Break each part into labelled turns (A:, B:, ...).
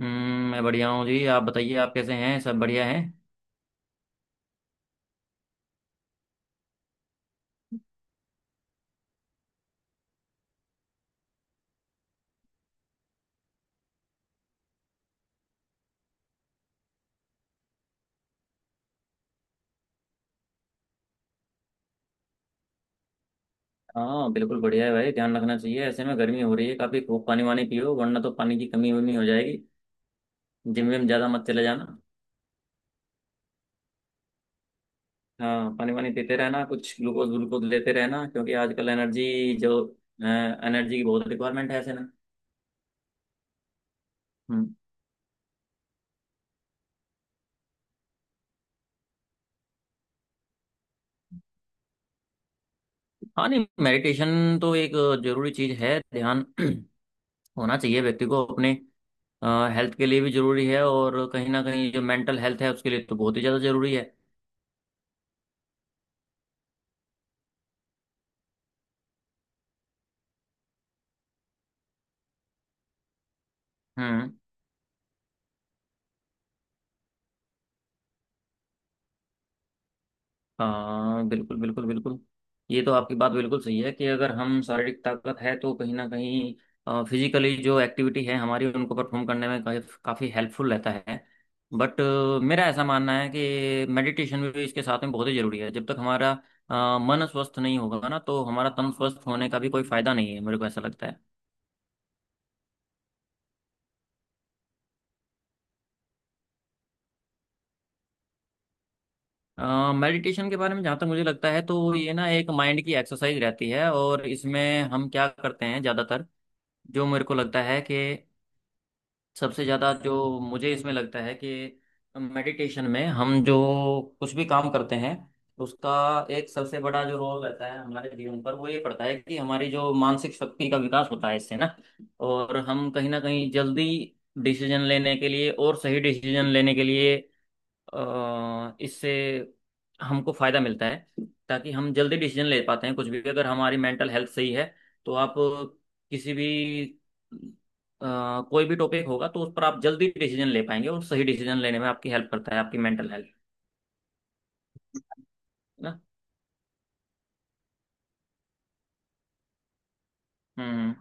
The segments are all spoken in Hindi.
A: मैं बढ़िया हूँ जी। आप बताइए, आप कैसे हैं? सब बढ़िया हैं? हाँ बिल्कुल बढ़िया है भाई। ध्यान रखना चाहिए, ऐसे में गर्मी हो रही है काफी। खूब पानी वानी पियो, वरना तो पानी की कमी वमी हो जाएगी। जिम विम ज्यादा मत चले जाना। हाँ पानी वानी पीते रहना, कुछ ग्लूकोज ग्लूकोज लेते रहना, क्योंकि आजकल एनर्जी जो एनर्जी की बहुत रिक्वायरमेंट है ऐसे में। हम्म। हाँ नहीं, मेडिटेशन तो एक जरूरी चीज़ है। ध्यान होना चाहिए व्यक्ति को। अपने हेल्थ के लिए भी जरूरी है, और कहीं ना कहीं जो मेंटल हेल्थ है उसके लिए तो बहुत ही ज़्यादा जरूरी है। हम्म। हाँ बिल्कुल बिल्कुल बिल्कुल। ये तो आपकी बात बिल्कुल सही है कि अगर हम शारीरिक ताकत है तो कहीं ना कहीं फिजिकली जो एक्टिविटी है हमारी उनको परफॉर्म करने में काफ़ी काफ़ी हेल्पफुल रहता है। बट मेरा ऐसा मानना है कि मेडिटेशन भी इसके साथ में बहुत ही ज़रूरी है। जब तक हमारा मन स्वस्थ नहीं होगा ना, तो हमारा तन स्वस्थ होने का भी कोई फ़ायदा नहीं है, मेरे को ऐसा लगता है। मेडिटेशन के बारे में जहाँ तक मुझे लगता है, तो ये ना एक माइंड की एक्सरसाइज रहती है, और इसमें हम क्या करते हैं ज़्यादातर, जो मेरे को लगता है कि सबसे ज़्यादा जो मुझे इसमें लगता है कि मेडिटेशन में हम जो कुछ भी काम करते हैं उसका एक सबसे बड़ा जो रोल रहता है हमारे जीवन पर, वो ये पड़ता है कि हमारी जो मानसिक शक्ति का विकास होता है इससे ना। और हम कहीं ना कहीं जल्दी डिसीजन लेने के लिए और सही डिसीजन लेने के लिए, इससे हमको फायदा मिलता है, ताकि हम जल्दी डिसीजन ले पाते हैं। कुछ भी, अगर हमारी मेंटल हेल्थ सही है तो आप किसी भी, अ, कोई भी टॉपिक होगा तो उस पर आप जल्दी डिसीजन ले पाएंगे, और सही डिसीजन लेने में आपकी हेल्प करता है आपकी मेंटल हेल्थ, है ना। हम्म।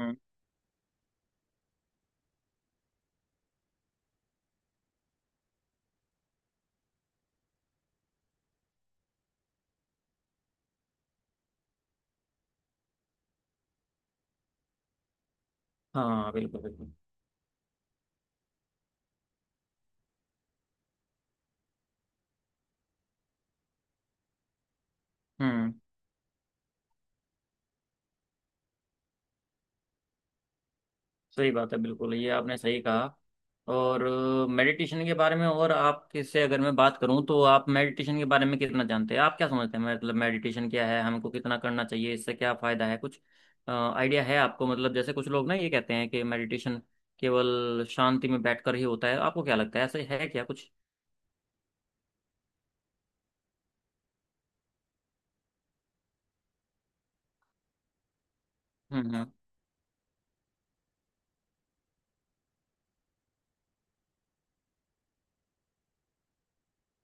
A: हम्म। हाँ बिल्कुल बिल्कुल। हम्म। सही बात है, बिल्कुल ये आपने सही कहा। और मेडिटेशन के बारे में और आपके से अगर मैं बात करूं, तो आप मेडिटेशन के बारे में कितना जानते हैं? आप क्या समझते हैं, मतलब मेडिटेशन क्या है? हमको कितना करना चाहिए? इससे क्या फायदा है? कुछ आइडिया है आपको? मतलब जैसे कुछ लोग ना ये कहते हैं कि मेडिटेशन केवल शांति में बैठकर ही होता है, आपको क्या लगता है, ऐसे है क्या कुछ? हम्म।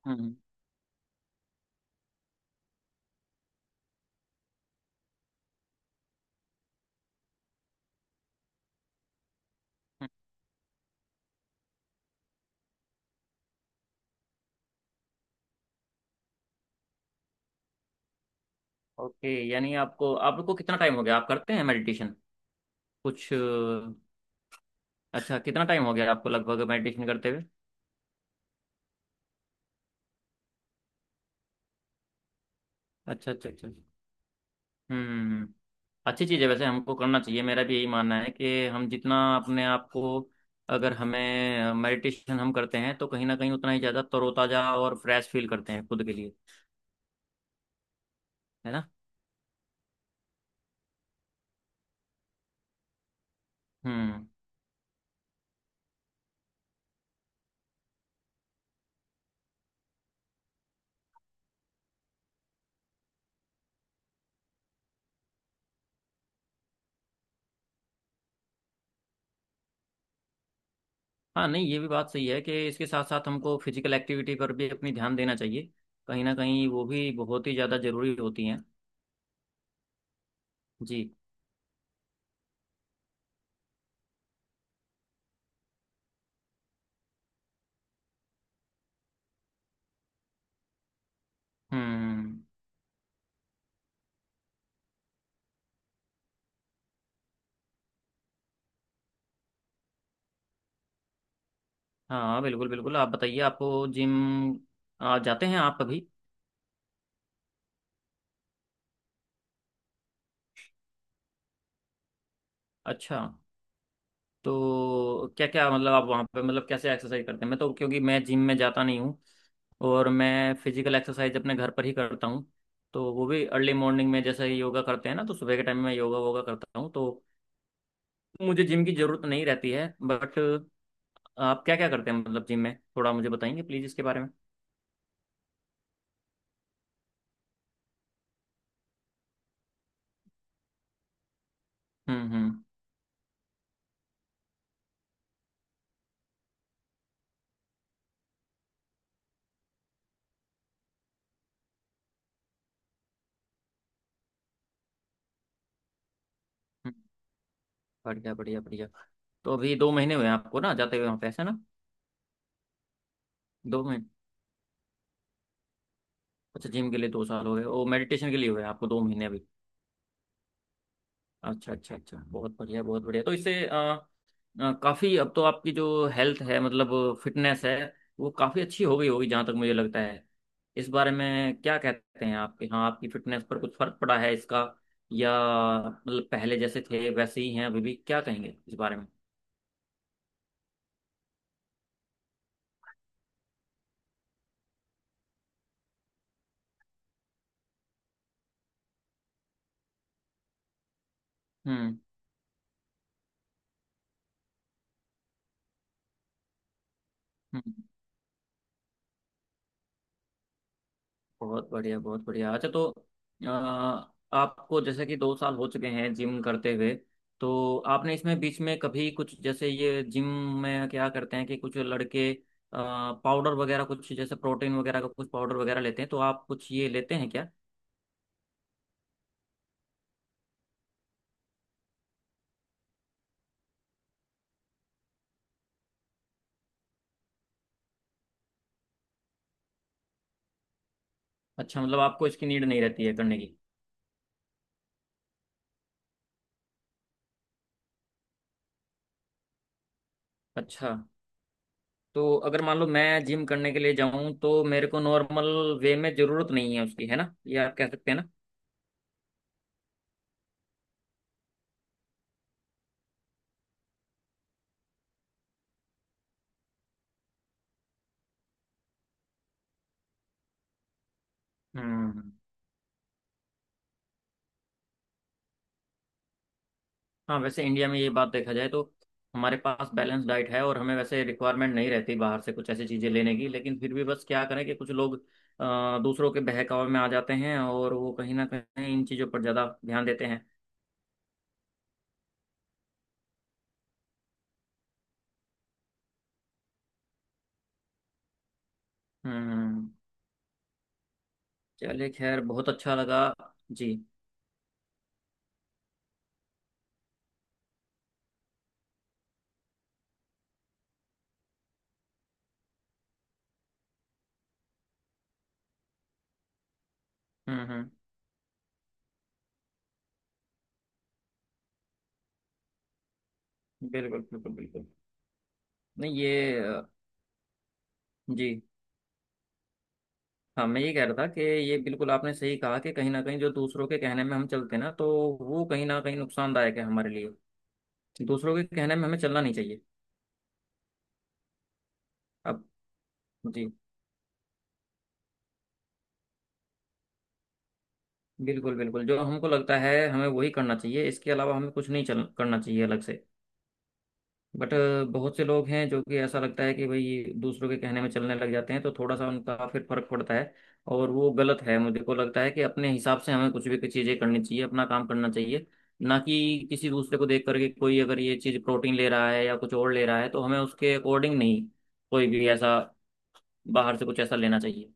A: हम्म। हम्म। ओके, यानी आपको, आपको कितना टाइम हो गया आप करते हैं मेडिटेशन? कुछ अच्छा, कितना टाइम हो गया आपको लगभग मेडिटेशन करते हुए? अच्छा अच्छा अच्छा। हम्म। अच्छी चीज़ है, वैसे हमको करना चाहिए। मेरा भी यही मानना है कि हम जितना अपने आप को, अगर हमें मेडिटेशन हम करते हैं, तो कहीं ना कहीं उतना ही ज़्यादा तरोताज़ा और फ्रेश फील करते हैं खुद के लिए, है ना। हम्म। हाँ नहीं, ये भी बात सही है कि इसके साथ साथ हमको फिजिकल एक्टिविटी पर भी अपनी ध्यान देना चाहिए। कहीं ना कहीं वो भी बहुत ही ज़्यादा ज़रूरी होती हैं। जी। हम्म। हाँ बिल्कुल बिल्कुल, आप बताइए, आपको जिम, जाते हैं आप अभी? अच्छा, तो क्या क्या, मतलब आप वहाँ पे, मतलब कैसे एक्सरसाइज करते हैं? मैं तो, क्योंकि मैं जिम में जाता नहीं हूँ, और मैं फिजिकल एक्सरसाइज अपने घर पर ही करता हूँ। तो वो भी अर्ली मॉर्निंग में, जैसे ही योगा करते हैं ना, तो सुबह के टाइम में मैं योगा वोगा करता हूँ, तो मुझे जिम की ज़रूरत नहीं रहती है। बट आप क्या क्या करते हैं मतलब जिम में, थोड़ा मुझे बताएंगे प्लीज़ इसके बारे में। हम्म। हम्म। हम्म, बढ़िया बढ़िया बढ़िया। तो अभी 2 महीने हुए हैं आपको ना जाते हुए वहाँ पे, ऐसा ना? 2 महीने? अच्छा, जिम के लिए 2 साल हो गए और मेडिटेशन के लिए हुए हैं आपको 2 महीने अभी। अच्छा अच्छा अच्छा, बहुत बढ़िया बहुत बढ़िया। तो इससे काफी अब तो आपकी जो हेल्थ है, मतलब फिटनेस है, वो काफी अच्छी हो गई होगी जहां तक मुझे लगता है। इस बारे में क्या कहते हैं आपके, हाँ, आपकी फिटनेस पर कुछ फर्क पड़ा है इसका या मतलब पहले जैसे थे वैसे ही हैं अभी भी, क्या कहेंगे इस बारे में? हम्म। हम्म। बहुत बढ़िया बहुत बढ़िया। अच्छा, तो अ, आपको जैसे कि 2 साल हो चुके हैं जिम करते हुए, तो आपने इसमें बीच में कभी कुछ, जैसे ये जिम में क्या करते हैं कि कुछ लड़के पाउडर वगैरह कुछ, जैसे प्रोटीन वगैरह का कुछ पाउडर वगैरह लेते हैं, तो आप कुछ ये लेते हैं क्या? अच्छा, मतलब आपको इसकी नीड नहीं रहती है करने की। अच्छा, तो अगर मान लो मैं जिम करने के लिए जाऊं, तो मेरे को नॉर्मल वे में जरूरत नहीं है उसकी, है ना, ये आप कह सकते हैं ना। हम्म। हाँ वैसे इंडिया में ये बात देखा जाए, तो हमारे पास बैलेंस डाइट है, और हमें वैसे रिक्वायरमेंट नहीं रहती बाहर से कुछ ऐसी चीज़ें लेने की। लेकिन फिर भी बस क्या करें कि कुछ लोग दूसरों के बहकावे में आ जाते हैं, और वो कहीं ना कहीं इन चीज़ों पर ज़्यादा ध्यान देते हैं। हम्म। चलिए खैर, बहुत अच्छा लगा। जी। हम्म। हम्म। बिल्कुल बिल्कुल बिल्कुल। नहीं ये अ, जी, हाँ मैं ये कह रहा था कि ये बिल्कुल आपने सही कहा कि कहीं ना कहीं जो दूसरों के कहने में हम चलते हैं ना, तो वो कहीं ना कहीं नुकसानदायक है हमारे लिए। दूसरों के कहने में हमें चलना नहीं चाहिए। अब जी, बिल्कुल बिल्कुल। जो हमको लगता है हमें वही करना चाहिए, इसके अलावा हमें कुछ नहीं चल करना चाहिए अलग से। बट बहुत से लोग हैं जो कि ऐसा लगता है कि भाई दूसरों के कहने में चलने लग जाते हैं, तो थोड़ा सा उनका फिर फर्क पड़ता है, और वो गलत है। मुझे को लगता है कि अपने हिसाब से हमें कुछ भी चीज़ें करनी चाहिए, अपना काम करना चाहिए। ना कि किसी दूसरे को देख करके, कोई अगर ये चीज़ प्रोटीन ले रहा है या कुछ और ले रहा है, तो हमें उसके अकॉर्डिंग नहीं कोई भी ऐसा बाहर से कुछ ऐसा लेना चाहिए।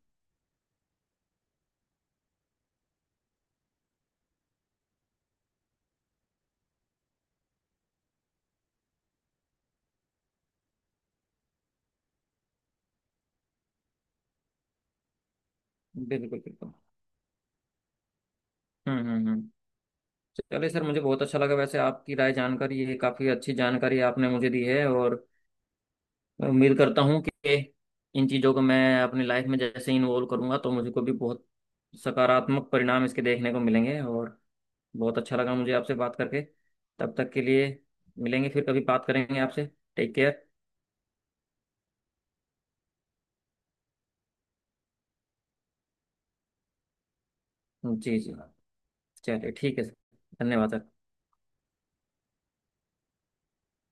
A: बिल्कुल बिल्कुल। हम्म। हम्म। हम्म। चलिए सर, मुझे बहुत अच्छा लगा वैसे आपकी राय जानकर। ये काफ़ी अच्छी जानकारी आपने मुझे दी है, और उम्मीद करता हूँ कि इन चीज़ों को मैं अपनी लाइफ में जैसे इन्वॉल्व करूँगा, तो मुझे को भी बहुत सकारात्मक परिणाम इसके देखने को मिलेंगे। और बहुत अच्छा लगा मुझे आपसे बात करके। तब तक के लिए, मिलेंगे, फिर कभी बात करेंगे आपसे। Take care. जी जी, चलिए ठीक है सर। धन्यवाद सर।